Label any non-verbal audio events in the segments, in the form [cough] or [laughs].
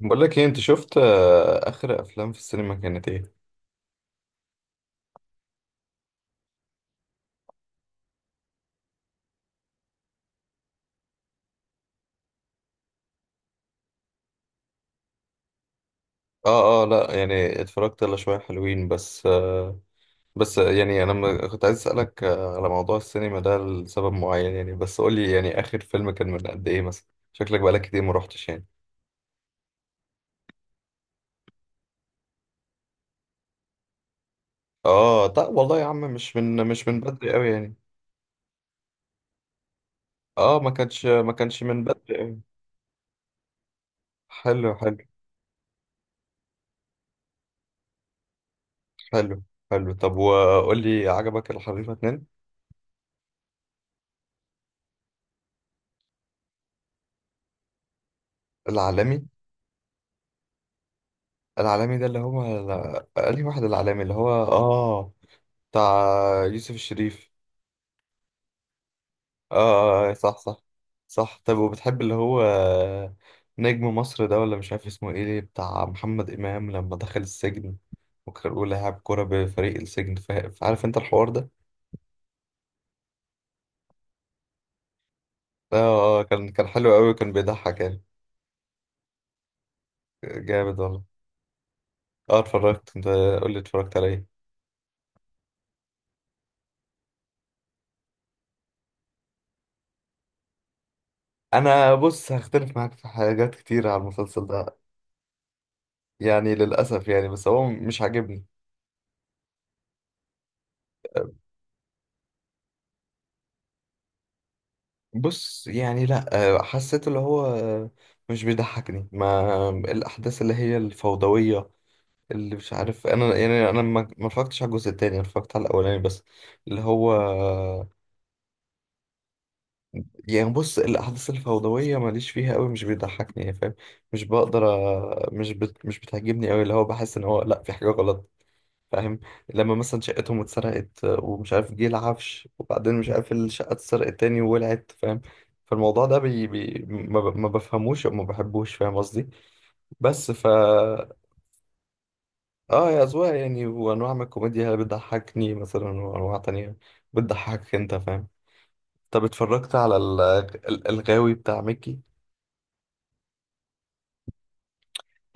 بقول لك ايه، انت شفت اخر افلام في السينما كانت ايه؟ اه لا يعني اتفرجت على شويه حلوين، بس بس يعني انا كنت عايز اسالك على موضوع السينما ده لسبب معين يعني. بس قول لي يعني اخر فيلم كان من قد ايه مثلا؟ شكلك بقالك كتير ما روحتش يعني. اه، طب والله يا عم مش من مش من بدري قوي يعني. اه، ما كانش من بدري قوي. حلو، حلو حلو. طب وقول لي، عجبك الحريفه اتنين؟ العالمي. العالمي ده اللي هو، قال لي واحد العالمي اللي هو اه، بتاع يوسف الشريف. اه صح، صح. صح. طب وبتحب اللي هو نجم مصر ده، ولا مش عارف اسمه ايه، ليه بتاع محمد إمام لما دخل السجن وكان بيقول هيلعب كورة بفريق السجن، فعارف انت الحوار ده. اه كان حلو قوي، كان بيضحك يعني. جامد والله. اه اتفرجت. انت قول لي اتفرجت على ايه. انا بص، هختلف معاك في حاجات كتير على المسلسل ده يعني، للاسف يعني. بس هو مش عاجبني. بص يعني، لا حسيت اللي هو مش بيضحكني ما الاحداث اللي هي الفوضويه اللي مش عارف. انا يعني انا ما اتفرجتش على الجزء التاني، انا اتفرجت على الاولاني بس، اللي هو يعني بص، الاحداث الفوضويه ماليش فيها قوي، مش بيضحكني يعني، فاهم؟ مش بقدر مش بتعجبني قوي، اللي هو بحس ان هو لا في حاجه غلط، فاهم؟ لما مثلا شقتهم اتسرقت ومش عارف جه العفش وبعدين مش عارف الشقة اتسرقت تاني وولعت، فاهم؟ فالموضوع ده بي بي ما, ب... ما بفهموش او ما بحبوش، فاهم قصدي؟ بس فا، اه يا أذواق يعني، وانواع من الكوميديا اللي بتضحكني مثلا، وانواع تانية بتضحكك انت، فاهم؟ طب اتفرجت على الغاوي بتاع ميكي؟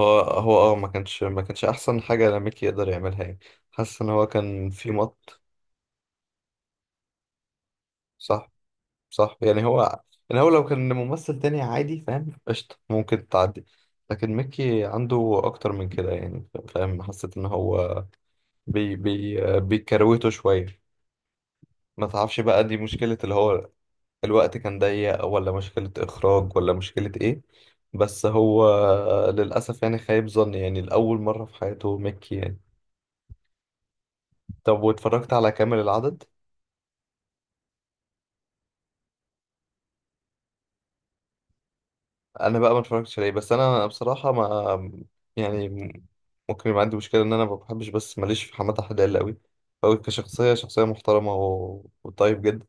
هو اه، ما كانش احسن حاجة ميكي يقدر يعملها يعني. حاسس ان هو كان في مط. صح، صح يعني. هو يعني، هو لو كان ممثل تاني عادي فاهم، قشطة ممكن تعدي. لكن ميكي عنده أكتر من كده يعني، فاهم؟ حسيت إن هو بي بي بيكروته شوية. ما تعرفش بقى دي مشكلة اللي هو الوقت كان ضيق، ولا مشكلة إخراج، ولا مشكلة إيه. بس هو للأسف يعني خايب ظني، يعني لأول مرة في حياته ميكي يعني. طب واتفرجت على كامل العدد؟ انا بقى ما اتفرجتش عليه، بس انا بصراحه ما، يعني ممكن يبقى عندي مشكله ان انا ما بحبش، بس ماليش في حماده حلال قوي. فهو كشخصيه، شخصيه محترمه وطيب جدا.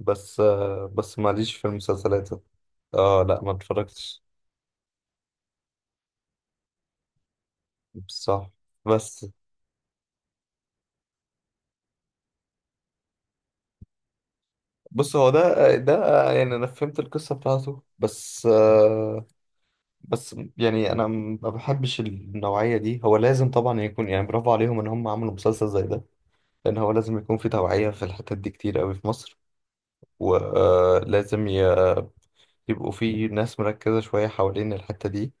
بس بس ماليش في المسلسلات. اه لا، ما اتفرجتش. بصح. بس. بص هو ده يعني انا فهمت القصه بتاعته، بس بس يعني انا ما بحبش النوعيه دي. هو لازم طبعا يكون يعني برافو عليهم ان هم عملوا مسلسل زي ده، لان هو لازم يكون في توعية في الحتت دي كتير قوي في مصر، ولازم يبقوا في ناس مركزة شوية حوالين الحتة دي.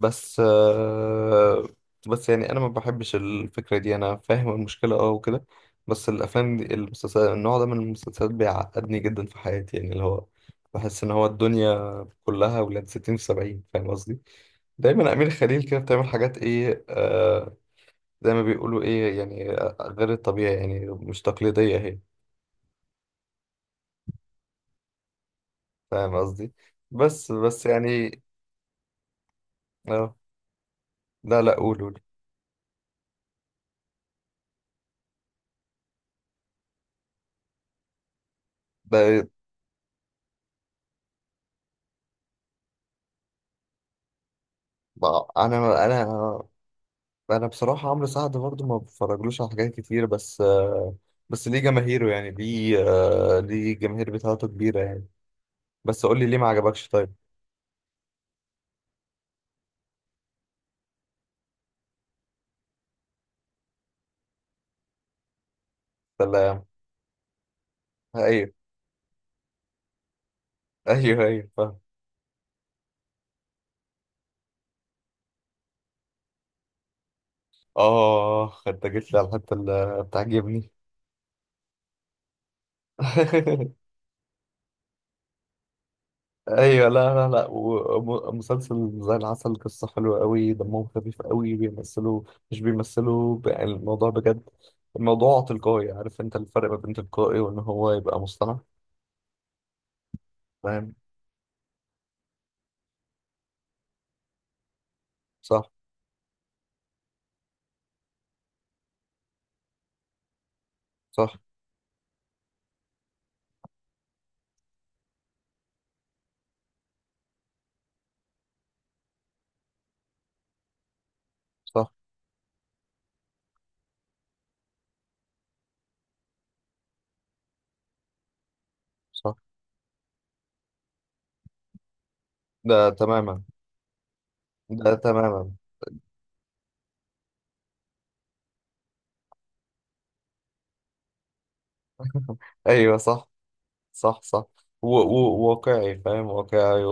بس بس يعني أنا ما بحبش الفكرة دي. أنا فاهم المشكلة أه وكده، بس الأفلام دي، المسلسلات، النوع ده من المسلسلات بيعقدني جدا في حياتي يعني. اللي هو بحس إن هو الدنيا كلها ولاد ستين في سبعين، فاهم قصدي؟ دايما أمير خليل كده بتعمل حاجات إيه، آه زي ما بيقولوا إيه يعني، غير الطبيعي يعني، مش تقليدية هي. فاهم قصدي؟ بس بس يعني، اه. لا لا، قول قول. ده انا انا بصراحه عمرو سعد برضه ما بفرجلوش على حاجات كتير، بس بس ليه جماهيره يعني، ليه ليه الجماهير بتاعته كبيره يعني. بس قول لي ليه ما عجبكش طيب. سلام. ايوه. ايوه ايوه، فاهم. اه، انت جيت لي على الحته اللي بتعجبني. [laughs] ايوه، لا لا لا، ومسلسل زي العسل، قصه حلوه قوي، دمهم خفيف قوي، بيمثلوا مش بيمثلوا بقى الموضوع بجد. الموضوع تلقائي، عارف انت الفرق ما بين تلقائي وان هو يبقى مصطنع، فاهم؟ صح. صح صح صح. ده تماما. ده تماما. [laughs] ايوه صح. صح. واقعي، فاهم، واقعي و...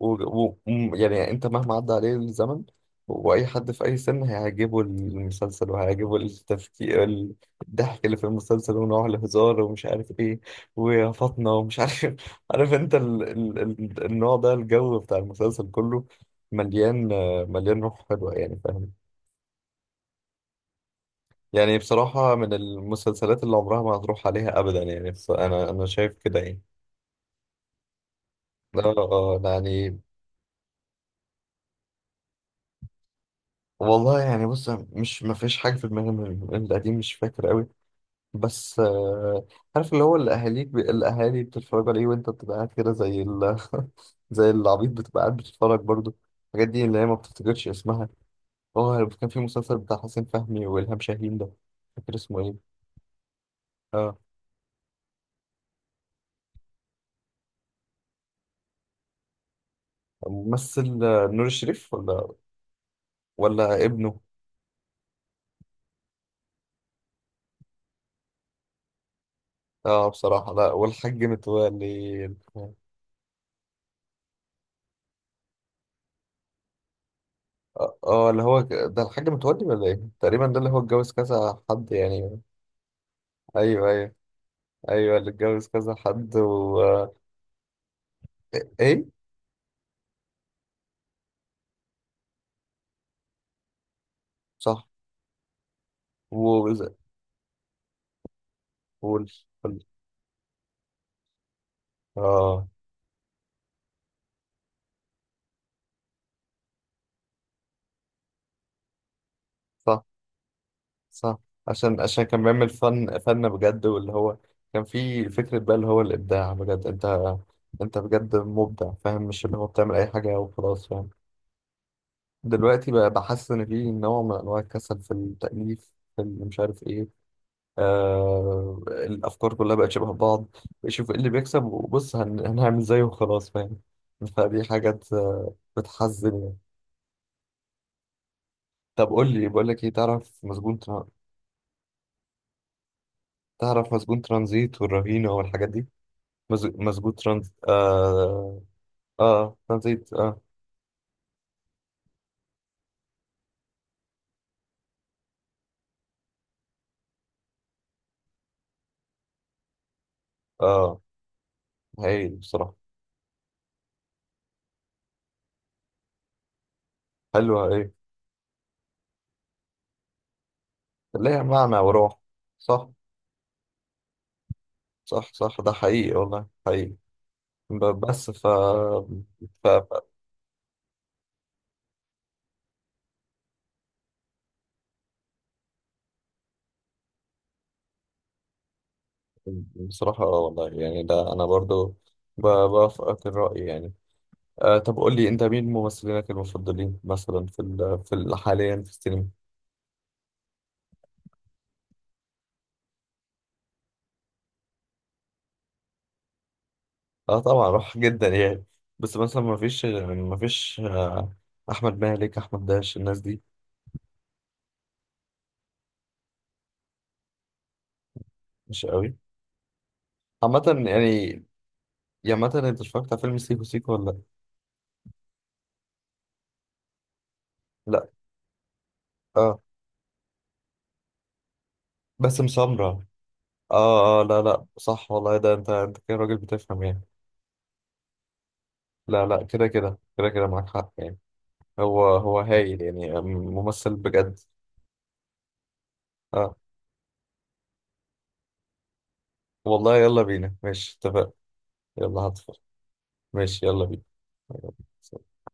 و... و... م- يعني، انت مهما عدى عليه الزمن، واي حد في اي سن هيعجبه المسلسل، وهيعجبه التفكير الضحك اللي في المسلسل، ونوع الهزار ومش عارف ايه، ويا فاطمه ومش عارف [laughs] عارف انت النوع ده، الجو بتاع المسلسل كله مليان، مليان روح حلوه يعني، فاهم؟ يعني بصراحه من المسلسلات اللي عمرها ما هتروح عليها ابدا يعني. انا شايف كده يعني. اه يعني. والله يعني بص، مش ما فيش حاجه في دماغي من القديم، مش فاكر قوي. بس عارف اللي هو الاهاليك الاهالي بتتفرج عليه وانت بتبقى قاعد كده زي [laughs] زي العبيط بتبقى قاعد بتتفرج برضو. الحاجات دي اللي هي ما بتفتكرش اسمها. هو كان في مسلسل بتاع حسين فهمي والهام شاهين ده، مش فاكر اسمه ايه. اه ممثل نور الشريف ولا، ولا ابنه. اه بصراحه، لا، والحاج متولي. اه اللي هو ده الحاج متولي ولا ايه، تقريبا ده اللي هو اتجوز كذا حد يعني. ايوه، ايوه. ايوه اللي اتجوز كذا حد. و ايه؟ صح، و قول، قول. اه. صح، صح. عشان عشان كان بيعمل فن، فن بجد، واللي هو كان في فكرة بقى اللي هو الإبداع بجد. أنت أنت بجد مبدع، فاهم، مش اللي هو بتعمل أي حاجة وخلاص، فاهم؟ دلوقتي بقى بحس إن في نوع من أنواع الكسل في التأليف، في اللي مش عارف إيه. آه، الافكار كلها بقت شبه بعض، بيشوف ايه اللي بيكسب وبص هنعمل زيه وخلاص، فاهم؟ فدي حاجات بتحزن يعني. طب قول لي، بقول لك ايه، تعرف مسجون ترانزيت والرهينه والحاجات دي؟ مز... مسجون ترانز اه. اه ترانزيت، اه. اه هايل بصراحه. حلوه ايه، ليها معنى وروح. صح. صح، صح، ده حقيقي والله، حقيقي. بس ف... بصراحة اه والله يعني، ده أنا برضو بوافقك الرأي يعني. آه طب قول لي، أنت مين ممثلينك المفضلين مثلا في حاليا في السينما؟ اه طبعا [laughs] روح جدا يعني. بس مثلا ما فيش آه، أحمد مالك، أحمد داش، الناس دي؟ مش قوي، عامة يعني. يا مثلا أنت اتفرجت على فيلم سيكو سيكو ولا؟ لأ؟ اه، باسم سمرة. اه اه لا لا، صح والله، ده أنت أنت كده راجل بتفهم يعني. لا لا، كده معاك حق يعني. هو هايل يعني، ممثل بجد. اه والله، يلا بينا، ماشي، اتفقنا. يلا هطفر. ماشي، يلا بينا.